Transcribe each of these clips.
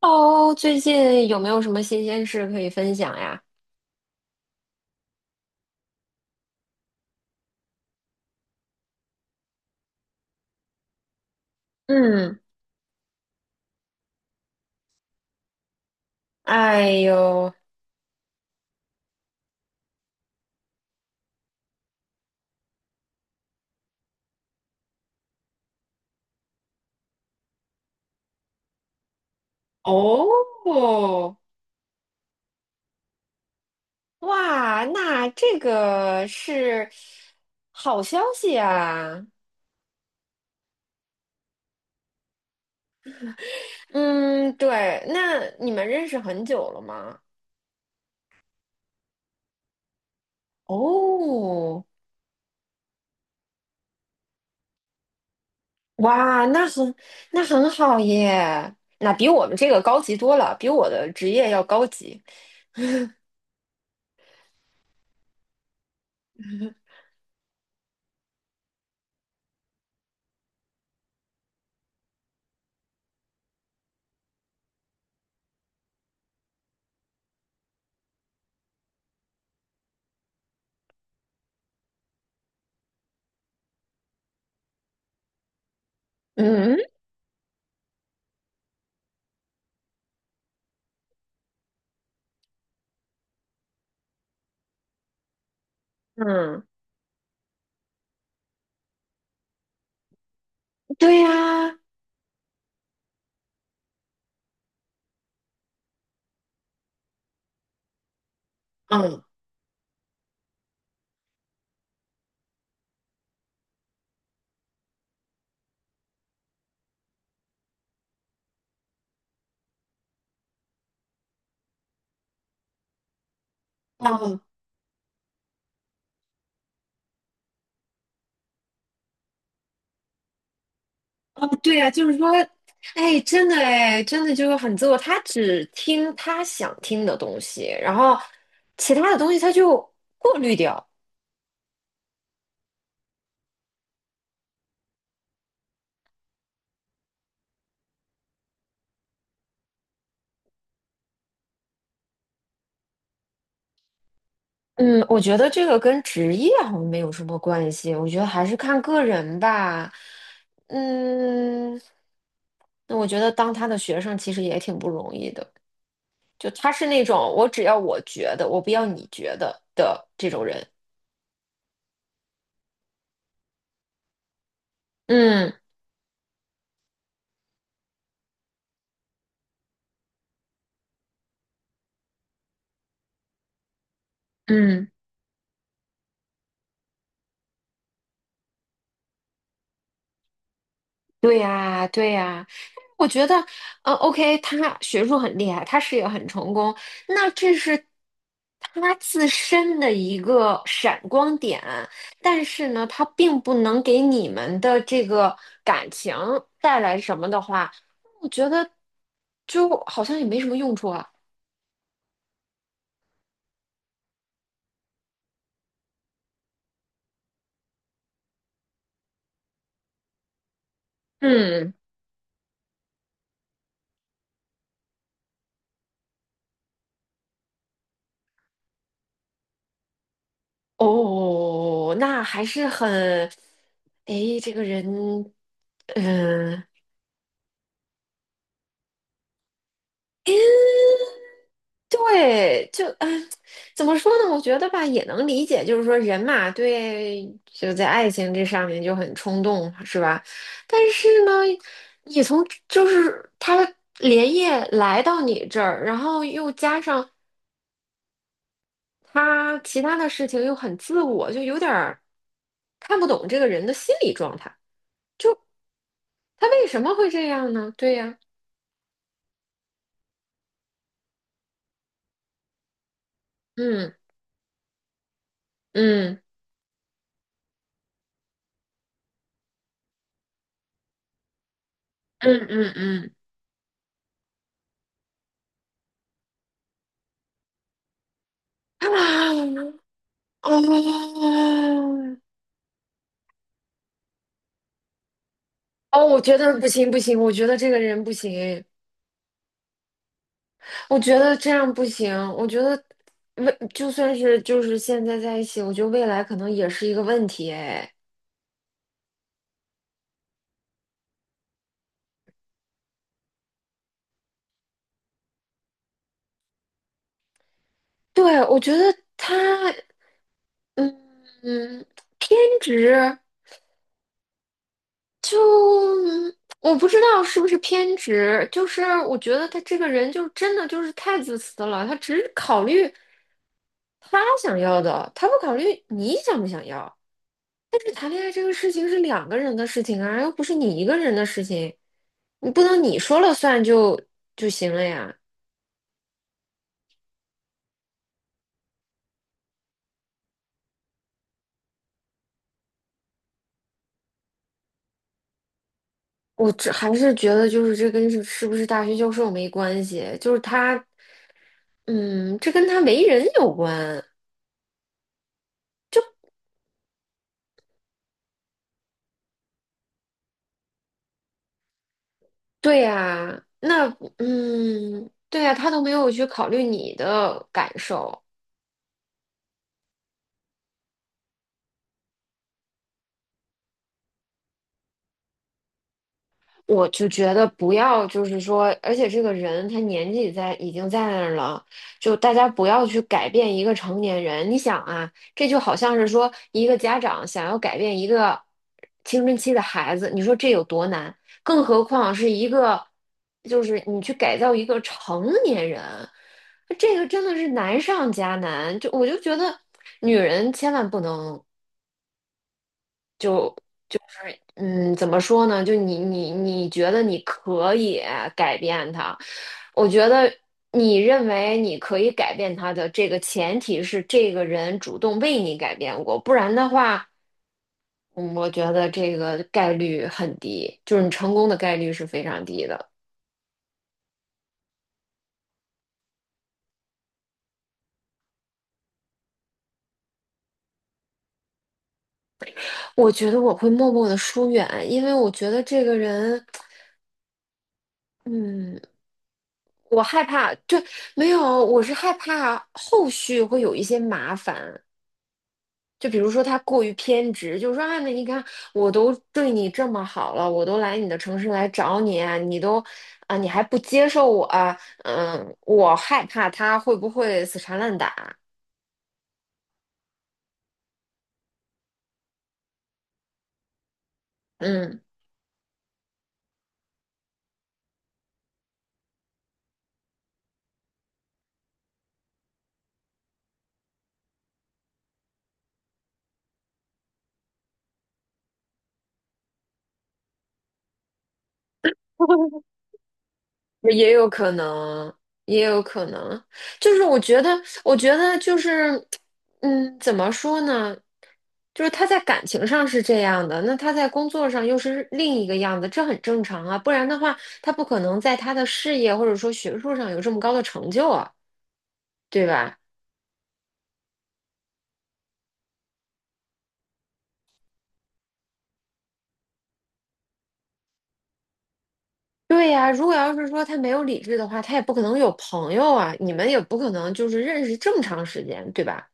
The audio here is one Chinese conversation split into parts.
哦，最近有没有什么新鲜事可以分享呀？嗯，哎呦，哦，哇，那这个是好消息啊。嗯，对，那你们认识很久了吗？哦，哇，那很那很好耶，那比我们这个高级多了，比我的职业要高级。嗯嗯，对呀，嗯。嗯哦，对呀，就是说，哎，真的哎，真的就是很自我，他只听他想听的东西，然后其他的东西他就过滤掉。嗯，我觉得这个跟职业好像没有什么关系，我觉得还是看个人吧。嗯，那我觉得当他的学生其实也挺不容易的，就他是那种我只要我觉得，我不要你觉得的这种人。嗯嗯，对呀，对呀。我觉得，嗯 o k 他学术很厉害，他事业很成功，那这是他自身的一个闪光点，但是呢，他并不能给你们的这个感情带来什么的话，我觉得就好像也没什么用处啊。嗯，哦，哦哦哦那还是很，哎，这个人，嗯。嗯对，就嗯，哎怎么说呢？我觉得吧，也能理解，就是说人嘛，对，就在爱情这上面就很冲动，是吧？但是呢，你从就是他连夜来到你这儿，然后又加上他其他的事情又很自我，就有点儿看不懂这个人的心理状态，他为什么会这样呢？对呀，嗯嗯嗯嗯嗯，啊。哦哦，我觉得不行不行，我觉得这个人不行，我觉得这样不行，我觉得未就算是就是现在在一起，我觉得未来可能也是一个问题哎。对，我觉得他嗯嗯偏执，就我不知道是不是偏执，就是我觉得他这个人就真的就是太自私了，他只考虑他想要的，他不考虑你想不想要。但是谈恋爱这个事情是两个人的事情啊，又不是你一个人的事情，你不能你说了算就就行了呀。我这还是觉得就是这跟是是不是大学教授没关系，就是他，嗯，这跟他为人有关。对呀，那嗯，对呀，他都没有去考虑你的感受。我就觉得不要，就是说，而且这个人他年纪在已经在那儿了，就大家不要去改变一个成年人。你想啊，这就好像是说一个家长想要改变一个青春期的孩子，你说这有多难？更何况是一个，就是你去改造一个成年人，这个真的是难上加难。就我就觉得，女人千万不能。嗯，怎么说呢？就你觉得你可以改变他？我觉得你认为你可以改变他的这个前提是这个人主动为你改变过，不然的话，嗯，我觉得这个概率很低，就是你成功的概率是非常低的。我觉得我会默默的疏远，因为我觉得这个人，嗯，我害怕，对，没有，我是害怕后续会有一些麻烦。就比如说他过于偏执，就是说啊，那你看我都对你这么好了，我都来你的城市来找你啊你都啊，你还不接受我啊嗯，我害怕他会不会死缠烂打，嗯。也有可能，也有可能，就是我觉得，我觉得就是，嗯，怎么说呢？就是他在感情上是这样的，那他在工作上又是另一个样子，这很正常啊。不然的话，他不可能在他的事业或者说学术上有这么高的成就啊，对吧？对呀，如果要是说他没有理智的话，他也不可能有朋友啊，你们也不可能就是认识这么长时间，对吧？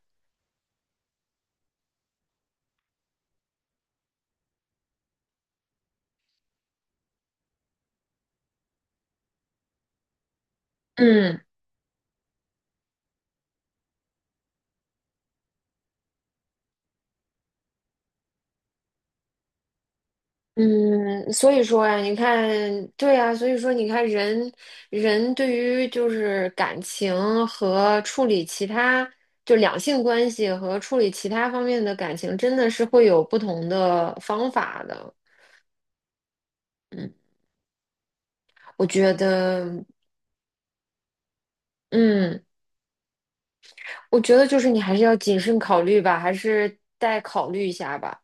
嗯。嗯，所以说呀，你看，对呀，所以说你看人，人对于就是感情和处理其他，就两性关系和处理其他方面的感情，真的是会有不同的方法的。嗯，我觉得，嗯，我觉得就是你还是要谨慎考虑吧，还是再考虑一下吧。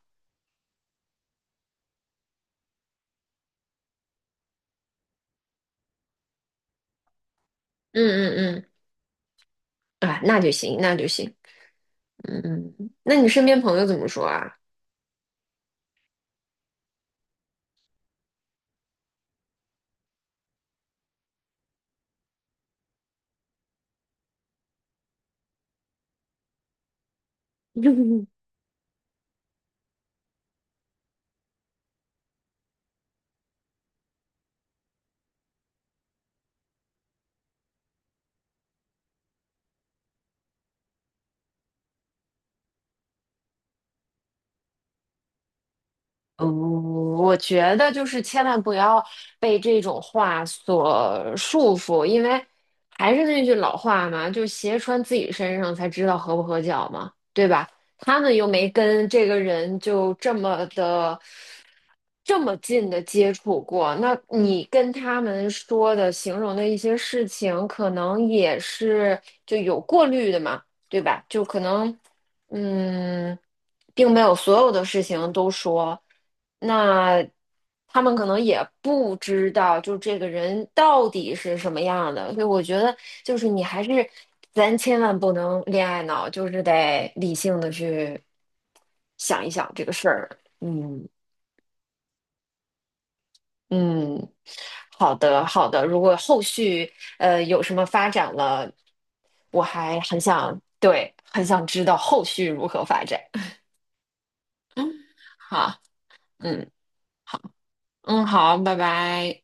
嗯嗯嗯，啊，那就行，那就行。嗯嗯，那你身边朋友怎么说啊？嗯，我觉得就是千万不要被这种话所束缚，因为还是那句老话嘛，就鞋穿自己身上才知道合不合脚嘛，对吧？他们又没跟这个人就这么的这么近的接触过，那你跟他们说的、形容的一些事情，可能也是就有过滤的嘛，对吧？就可能。嗯，并没有所有的事情都说，那他们可能也不知道，就这个人到底是什么样的。所以我觉得，就是你还是，咱千万不能恋爱脑，就是得理性的去想一想这个事儿。嗯嗯，好的好的。如果后续有什么发展了，我还很想，对，很想知道后续如何发展。好。嗯，好，嗯，好，拜拜。